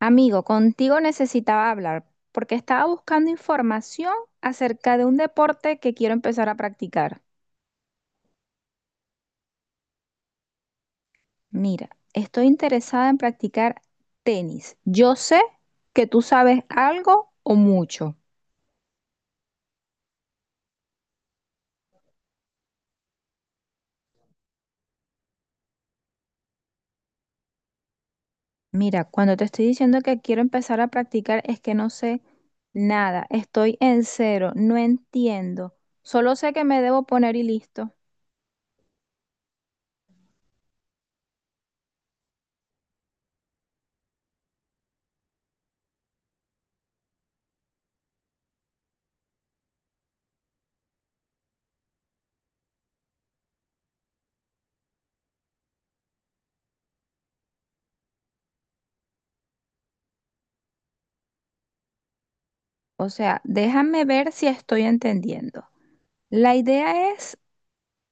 Amigo, contigo necesitaba hablar porque estaba buscando información acerca de un deporte que quiero empezar a practicar. Mira, estoy interesada en practicar tenis. Yo sé que tú sabes algo o mucho. Mira, cuando te estoy diciendo que quiero empezar a practicar es que no sé nada. Estoy en cero, no entiendo. Solo sé que me debo poner y listo. O sea, déjame ver si estoy entendiendo. La idea es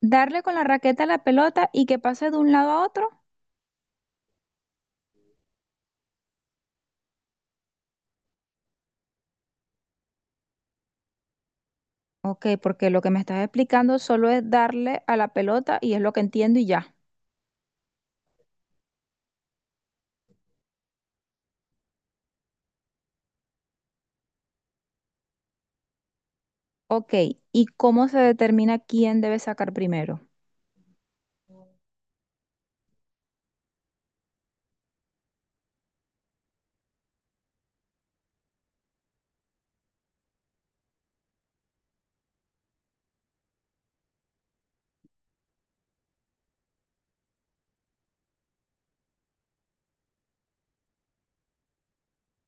darle con la raqueta a la pelota y que pase de un lado a otro. Ok, porque lo que me estás explicando solo es darle a la pelota y es lo que entiendo y ya. Ok, ¿y cómo se determina quién debe sacar primero?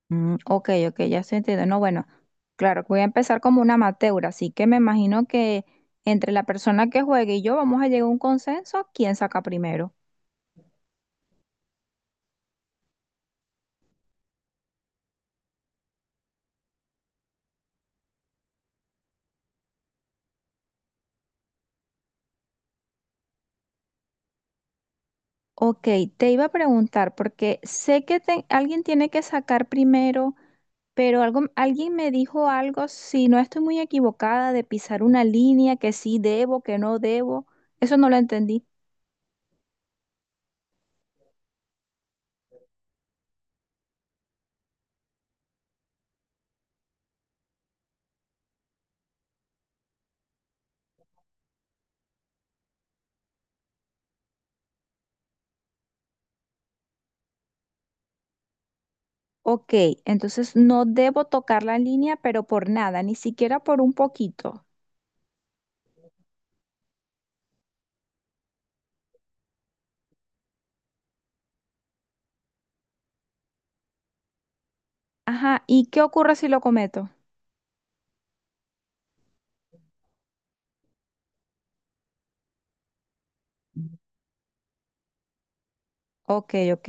Mm, ok, ok, ya estoy entendiendo. No, bueno, claro, voy a empezar como una amateur, así que me imagino que entre la persona que juegue y yo vamos a llegar a un consenso, quién saca primero. Ok, te iba a preguntar, porque sé que alguien tiene que sacar primero. Pero alguien me dijo algo, si no estoy muy equivocada, de pisar una línea, que sí debo, que no debo. Eso no lo entendí. Ok, entonces no debo tocar la línea, pero por nada, ni siquiera por un poquito. Ajá, ¿y qué ocurre si lo cometo? Ok, ok.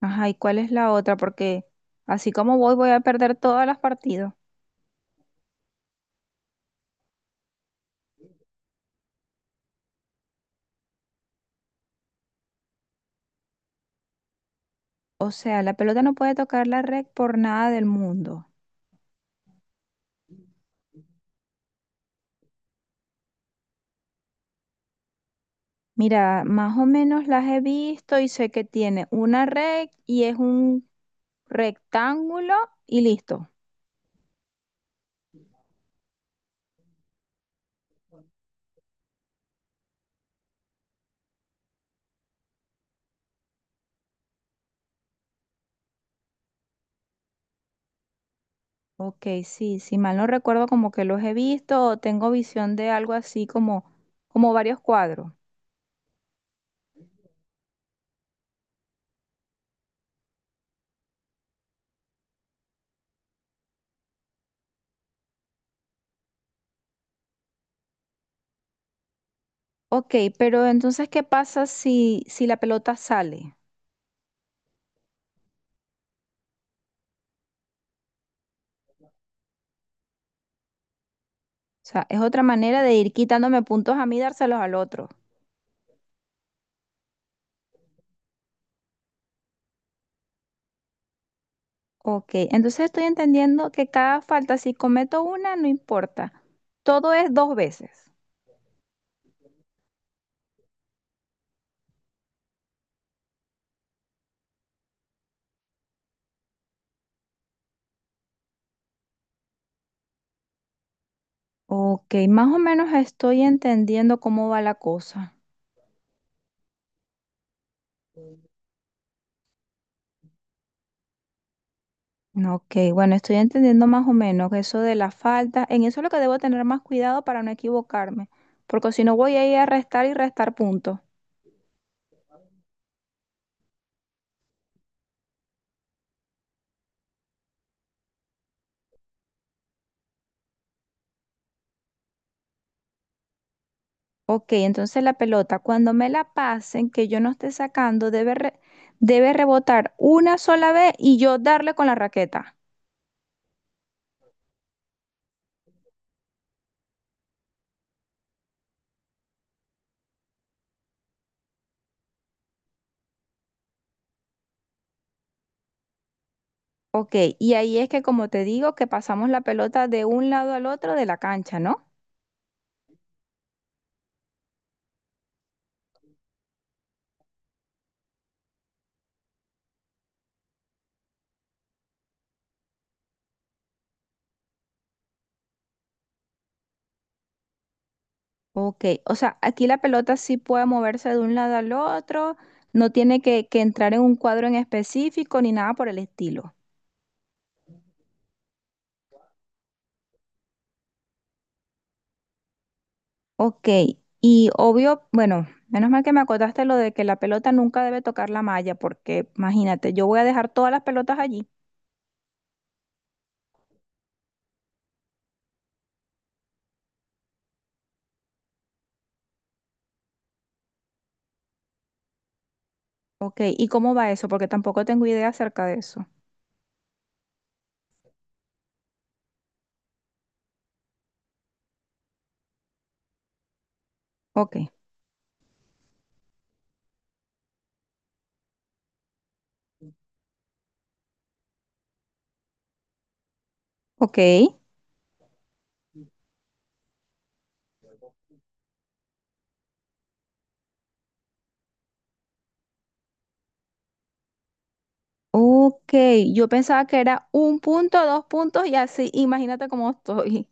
Ajá, ¿y cuál es la otra? Porque así como voy, voy a perder todas las partidas. O sea, la pelota no puede tocar la red por nada del mundo. Mira, más o menos las he visto y sé que tiene una red y es un rectángulo y listo. Ok, sí, si mal no recuerdo, como que los he visto o tengo visión de algo así como, como varios cuadros. Ok, pero entonces, ¿qué pasa si la pelota sale? O sea, es otra manera de ir quitándome puntos a mí y dárselos al otro. Ok, entonces estoy entendiendo que cada falta, si cometo una, no importa. Todo es dos veces. Ok, más o menos estoy entendiendo cómo va la cosa. Ok, bueno, estoy entendiendo más o menos eso de la falta. En eso es lo que debo tener más cuidado para no equivocarme, porque si no voy a ir a restar y restar puntos. Ok, entonces la pelota, cuando me la pasen, que yo no esté sacando, debe rebotar una sola vez y yo darle con la raqueta. Ok, y ahí es que como te digo, que pasamos la pelota de un lado al otro de la cancha, ¿no? Ok, o sea, aquí la pelota sí puede moverse de un lado al otro, no tiene que entrar en un cuadro en específico ni nada por el estilo. Ok, y obvio, bueno, menos mal que me acotaste lo de que la pelota nunca debe tocar la malla, porque imagínate, yo voy a dejar todas las pelotas allí. Ok, ¿y cómo va eso? Porque tampoco tengo idea acerca de eso. Ok, ok, ok, yo pensaba que era un punto, dos puntos y así, imagínate cómo estoy.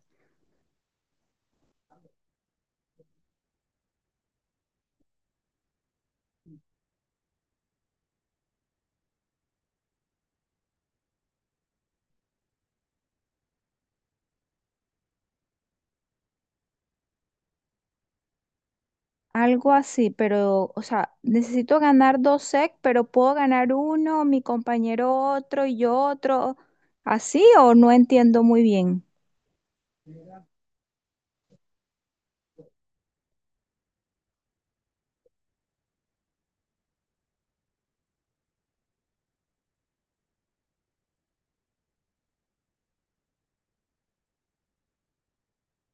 Algo así, pero, o sea, necesito ganar dos sec, pero puedo ganar uno, mi compañero otro y yo otro. ¿Así o no entiendo muy bien?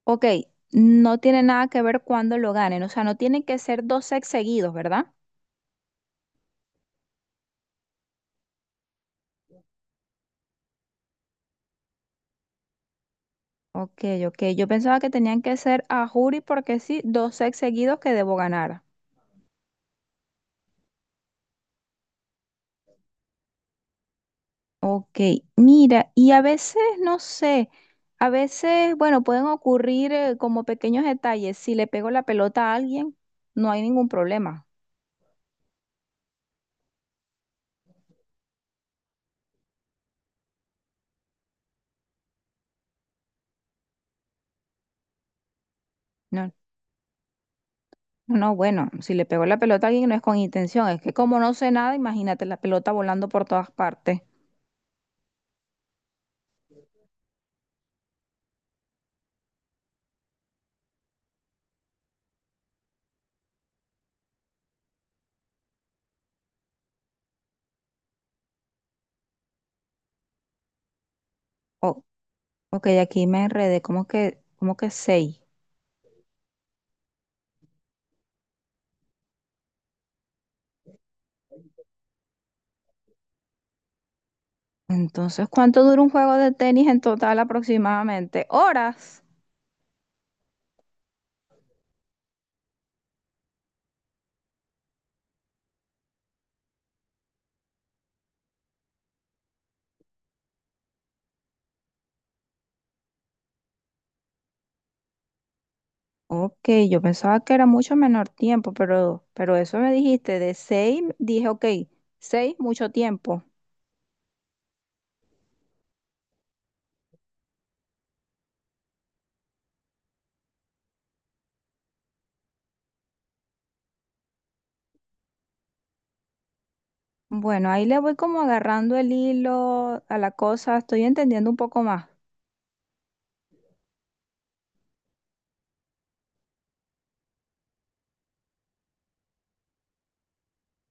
Ok, no tiene nada que ver cuándo lo ganen, o sea, no tienen que ser dos secs seguidos, ¿verdad? Ok, ok, yo pensaba que tenían que ser a juri porque sí, dos secs seguidos que debo ganar. Ok, mira, y a veces, no sé, a veces, bueno, pueden ocurrir como pequeños detalles. Si le pego la pelota a alguien, no hay ningún problema. No, no, bueno, si le pego la pelota a alguien no es con intención, es que como no sé nada, imagínate la pelota volando por todas partes. Oh, ok, aquí me enredé, como que seis. Entonces, ¿cuánto dura un juego de tenis en total aproximadamente? Horas. Ok, yo pensaba que era mucho menor tiempo, pero eso me dijiste, de seis, dije, ok, seis, mucho tiempo. Bueno, ahí le voy como agarrando el hilo a la cosa, estoy entendiendo un poco más.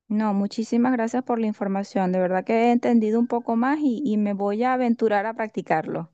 No, muchísimas gracias por la información, de verdad que he entendido un poco más y me voy a aventurar a practicarlo.